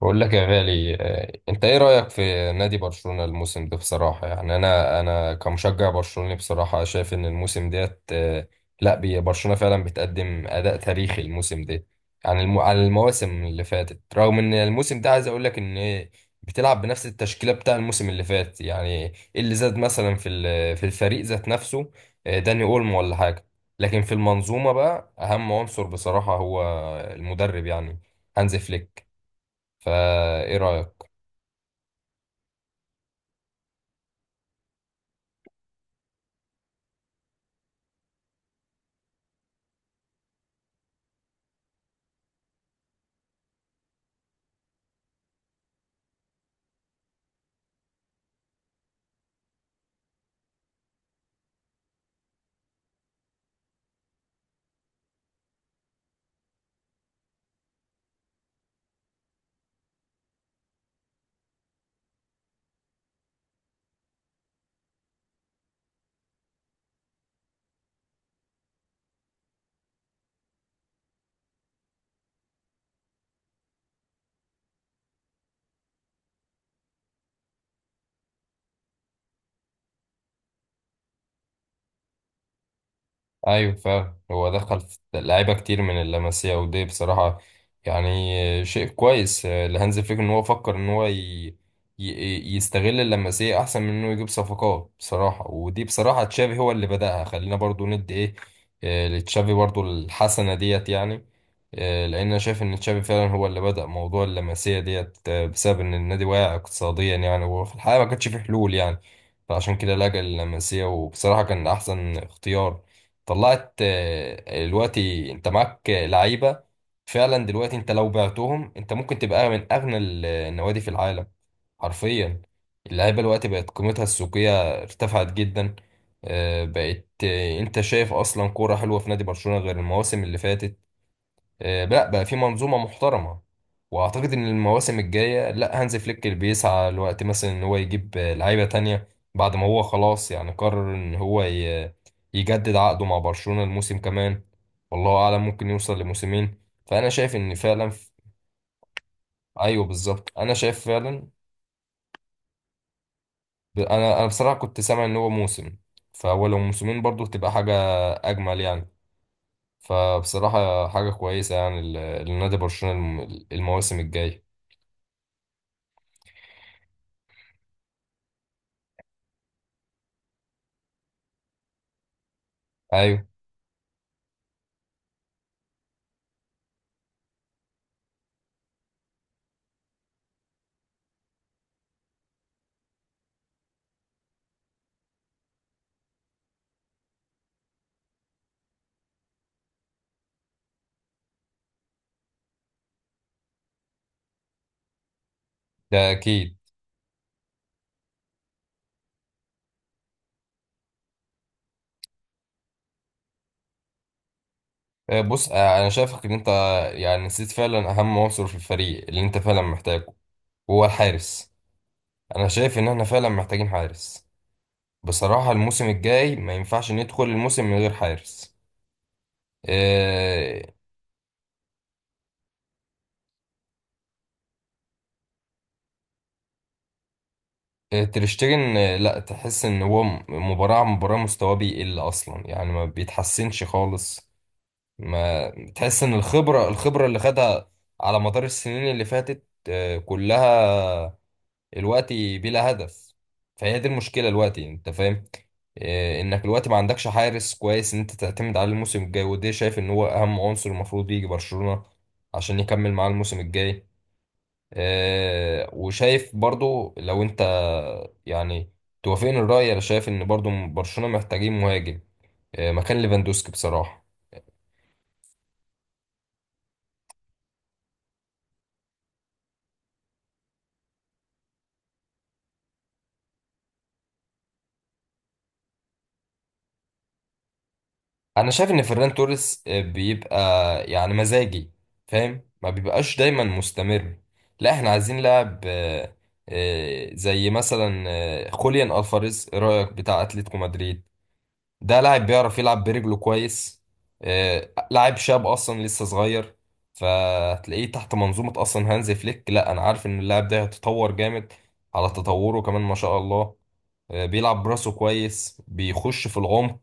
بقول لك يا غالي، انت ايه رأيك في نادي برشلونة الموسم ده؟ بصراحة يعني انا كمشجع برشلوني بصراحة شايف ان الموسم ديت، آه، لا بي- برشلونة فعلا بتقدم اداء تاريخي الموسم ده عن عن المواسم اللي فاتت. رغم ان الموسم ده عايز اقول لك ان بتلعب بنفس التشكيلة بتاع الموسم اللي فات، يعني ايه اللي زاد مثلا في الفريق ذات نفسه؟ داني اولمو ولا حاجة. لكن في المنظومة بقى اهم عنصر بصراحة هو المدرب يعني، هانز فليك. فايه رأيك؟ ايوه فعلا، هو دخل في لعيبه كتير من اللمسيه، ودي بصراحه يعني شيء كويس لهانز فليك ان هو فكر ان هو يستغل اللمسيه احسن من انه يجيب صفقات. بصراحه ودي بصراحه تشافي هو اللي بدأها، خلينا برضو ندي ايه، لتشافي برضو الحسنه ديت يعني، لان انا شايف ان تشافي فعلا هو اللي بدأ موضوع اللمسيه ديت، بسبب ان النادي واقع اقتصاديا يعني، وفي الحقيقه ما كانش فيه حلول يعني. فعشان كده لجأ لللمسيه، وبصراحه كان احسن اختيار طلعت. دلوقتي انت معاك لعيبه فعلا، دلوقتي انت لو بعتهم انت ممكن تبقى من اغنى النوادي في العالم، حرفيا. اللعيبه دلوقتي بقت قيمتها السوقيه ارتفعت جدا، بقت، انت شايف اصلا كوره حلوه في نادي برشلونه غير المواسم اللي فاتت؟ لا بقى في منظومة محترمة. واعتقد ان المواسم الجاية، لا هانز فليك اللي بيسعى الوقت مثلا ان هو يجيب لعيبة تانية بعد ما هو خلاص يعني قرر ان هو يجدد عقده مع برشلونة الموسم كمان. والله اعلم ممكن يوصل لموسمين، فانا شايف ان فعلا ايوه بالظبط، انا شايف فعلا. انا بصراحة كنت سامع ان هو موسم، فهو لو موسمين برضو تبقى حاجة اجمل يعني. فبصراحة حاجة كويسة يعني لنادي برشلونة المواسم الجاية. ايوه ده اكيد. بص، انا شايفك ان انت يعني نسيت فعلا اهم عنصر في الفريق اللي انت فعلا محتاجه، هو الحارس. انا شايف ان احنا فعلا محتاجين حارس. بصراحة الموسم الجاي ما ينفعش ندخل الموسم من غير حارس. آه، تريشتيجن، لا تحس ان هو مباراة عن مباراة مستواه بيقل اصلا يعني، ما بيتحسنش خالص. ما تحس ان الخبرة، الخبرة اللي خدها على مدار السنين اللي فاتت، كلها دلوقتي بلا هدف. فهي دي المشكله دلوقتي، انت فاهم إيه، انك دلوقتي ما عندكش حارس كويس ان انت تعتمد عليه الموسم الجاي، وده شايف ان هو اهم عنصر المفروض يجي برشلونه عشان يكمل معاه الموسم الجاي. إيه، وشايف برضو لو انت يعني توافقني الرأي، انا شايف ان برضو برشلونه محتاجين مهاجم إيه، مكان ليفاندوسكي بصراحه. انا شايف ان فران توريس، بيبقى يعني مزاجي، فاهم؟ ما بيبقاش دايما مستمر. لا احنا عايزين لاعب، زي مثلا خوليان الفاريز، إيه رايك؟ بتاع اتلتيكو مدريد. ده لاعب بيعرف يلعب برجله كويس، لاعب شاب اصلا لسه صغير. فتلاقيه تحت منظومة اصلا هانز فليك، لا انا عارف ان اللاعب ده هيتطور جامد على تطوره كمان، ما شاء الله. بيلعب براسه كويس، بيخش في العمق.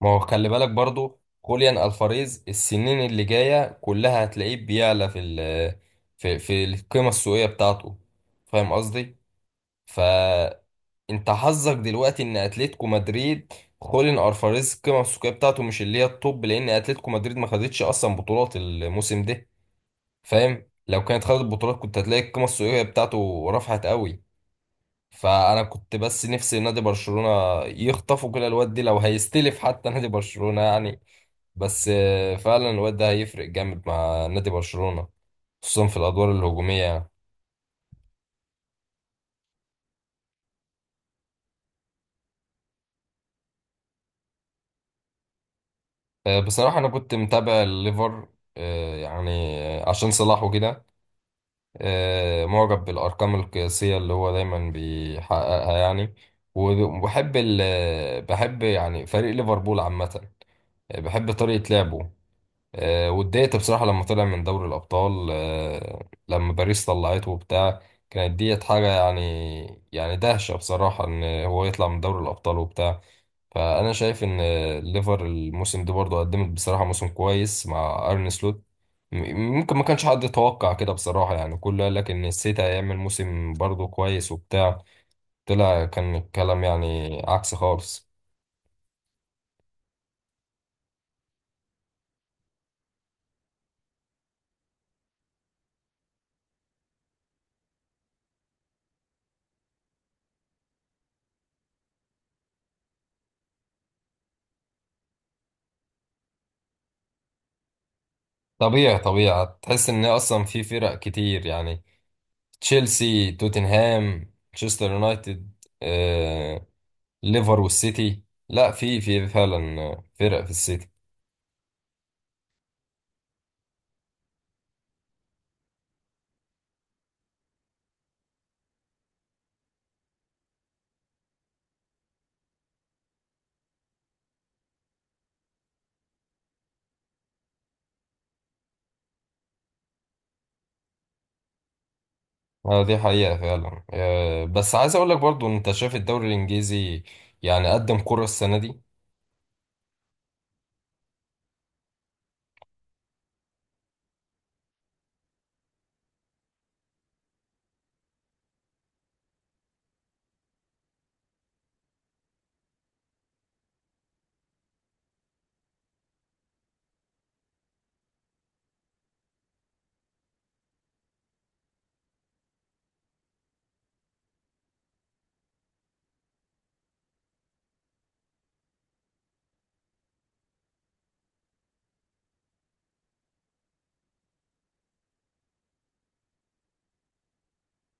ما هو خلي بالك برضو خوليان الفاريز السنين اللي جايه كلها هتلاقيه بيعلى في في القيمه السوقيه بتاعته، فاهم قصدي؟ فانت حظك دلوقتي ان اتلتيكو مدريد، خوليان الفاريز القيمه السوقيه بتاعته مش اللي هي الطب، لان اتلتيكو مدريد ما خدتش اصلا بطولات الموسم ده. فاهم؟ لو كانت خدت بطولات كنت هتلاقي القيمه السوقيه بتاعته رفعت قوي. فانا كنت بس نفسي نادي برشلونه يخطفوا كده الواد دي، لو هيستلف حتى نادي برشلونه يعني. بس فعلا الواد ده هيفرق جامد مع نادي برشلونة، خصوصا في الأدوار الهجومية يعني. بصراحة أنا كنت متابع الليفر، يعني عشان صلاح وكده، معجب بالأرقام القياسية اللي هو دايما بيحققها يعني. وبحب ال بحب يعني فريق ليفربول عامة، بحب طريقة لعبه. واتضايقت بصراحة لما طلع من دوري الأبطال، لما باريس طلعته وبتاع. كانت ديت حاجة يعني، يعني دهشة بصراحة إن هو يطلع من دوري الأبطال وبتاع. فأنا شايف إن ليفر الموسم ده برضه قدمت بصراحة موسم كويس مع أرن سلوت. ممكن ما كانش حد يتوقع كده بصراحة يعني، كله قال لك إن السيتي هيعمل موسم برضه كويس وبتاع، طلع كان الكلام يعني عكس خالص. طبيعي طبيعي تحس إن أصلا في فرق كتير يعني، تشيلسي، توتنهام، مانشستر يونايتد، آه، ليفر والسيتي. لا في فعلا فرق في السيتي. دي حقيقة فعلا. بس عايز اقول لك برضو، انت شايف الدوري الانجليزي يعني قدم كرة السنة دي؟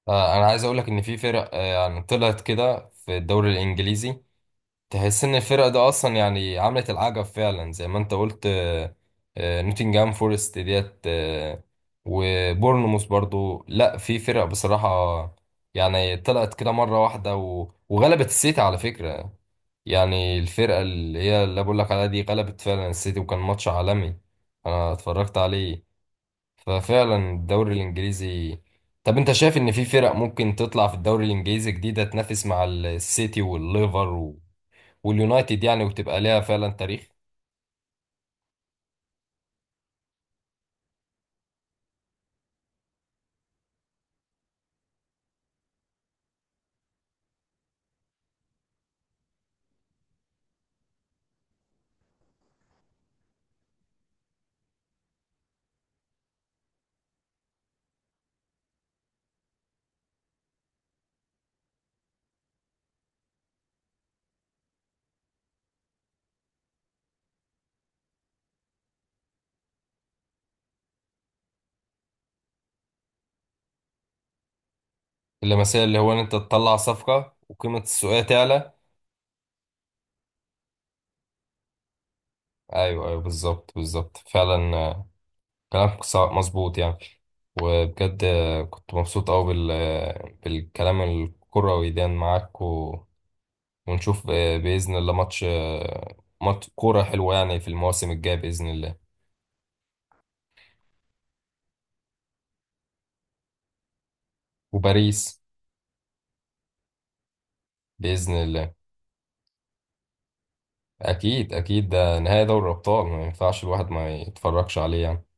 انا عايز اقول لك ان في فرق، يعني طلعت كده في الدوري الانجليزي، تحس ان الفرقه ده اصلا يعني عملت العجب فعلا زي ما انت قلت. نوتنجهام فورست ديت، وبورنموث برضو، لا في فرق بصراحه يعني طلعت كده مره واحده وغلبت السيتي على فكره. يعني الفرقه اللي هي اللي بقول لك عليها دي غلبت فعلا السيتي، وكان ماتش عالمي انا اتفرجت عليه. ففعلا الدوري الانجليزي، طب انت شايف ان في فرق ممكن تطلع في الدوري الانجليزي جديده تنافس مع السيتي والليفر واليونايتد يعني وتبقى ليها فعلا تاريخ؟ اللمسيه اللي هو ان انت تطلع صفقه وقيمه السوقيه تعلى. ايوه ايوه بالظبط بالظبط، فعلا كلامك مظبوط يعني. وبجد كنت مبسوط قوي بالكلام الكروي ده معاك، ونشوف باذن الله ماتش ماتش كوره حلوه يعني في المواسم الجايه باذن الله. وباريس باذن الله، اكيد اكيد، ده نهائي دوري الابطال ما ينفعش الواحد ما يتفرجش عليه يعني.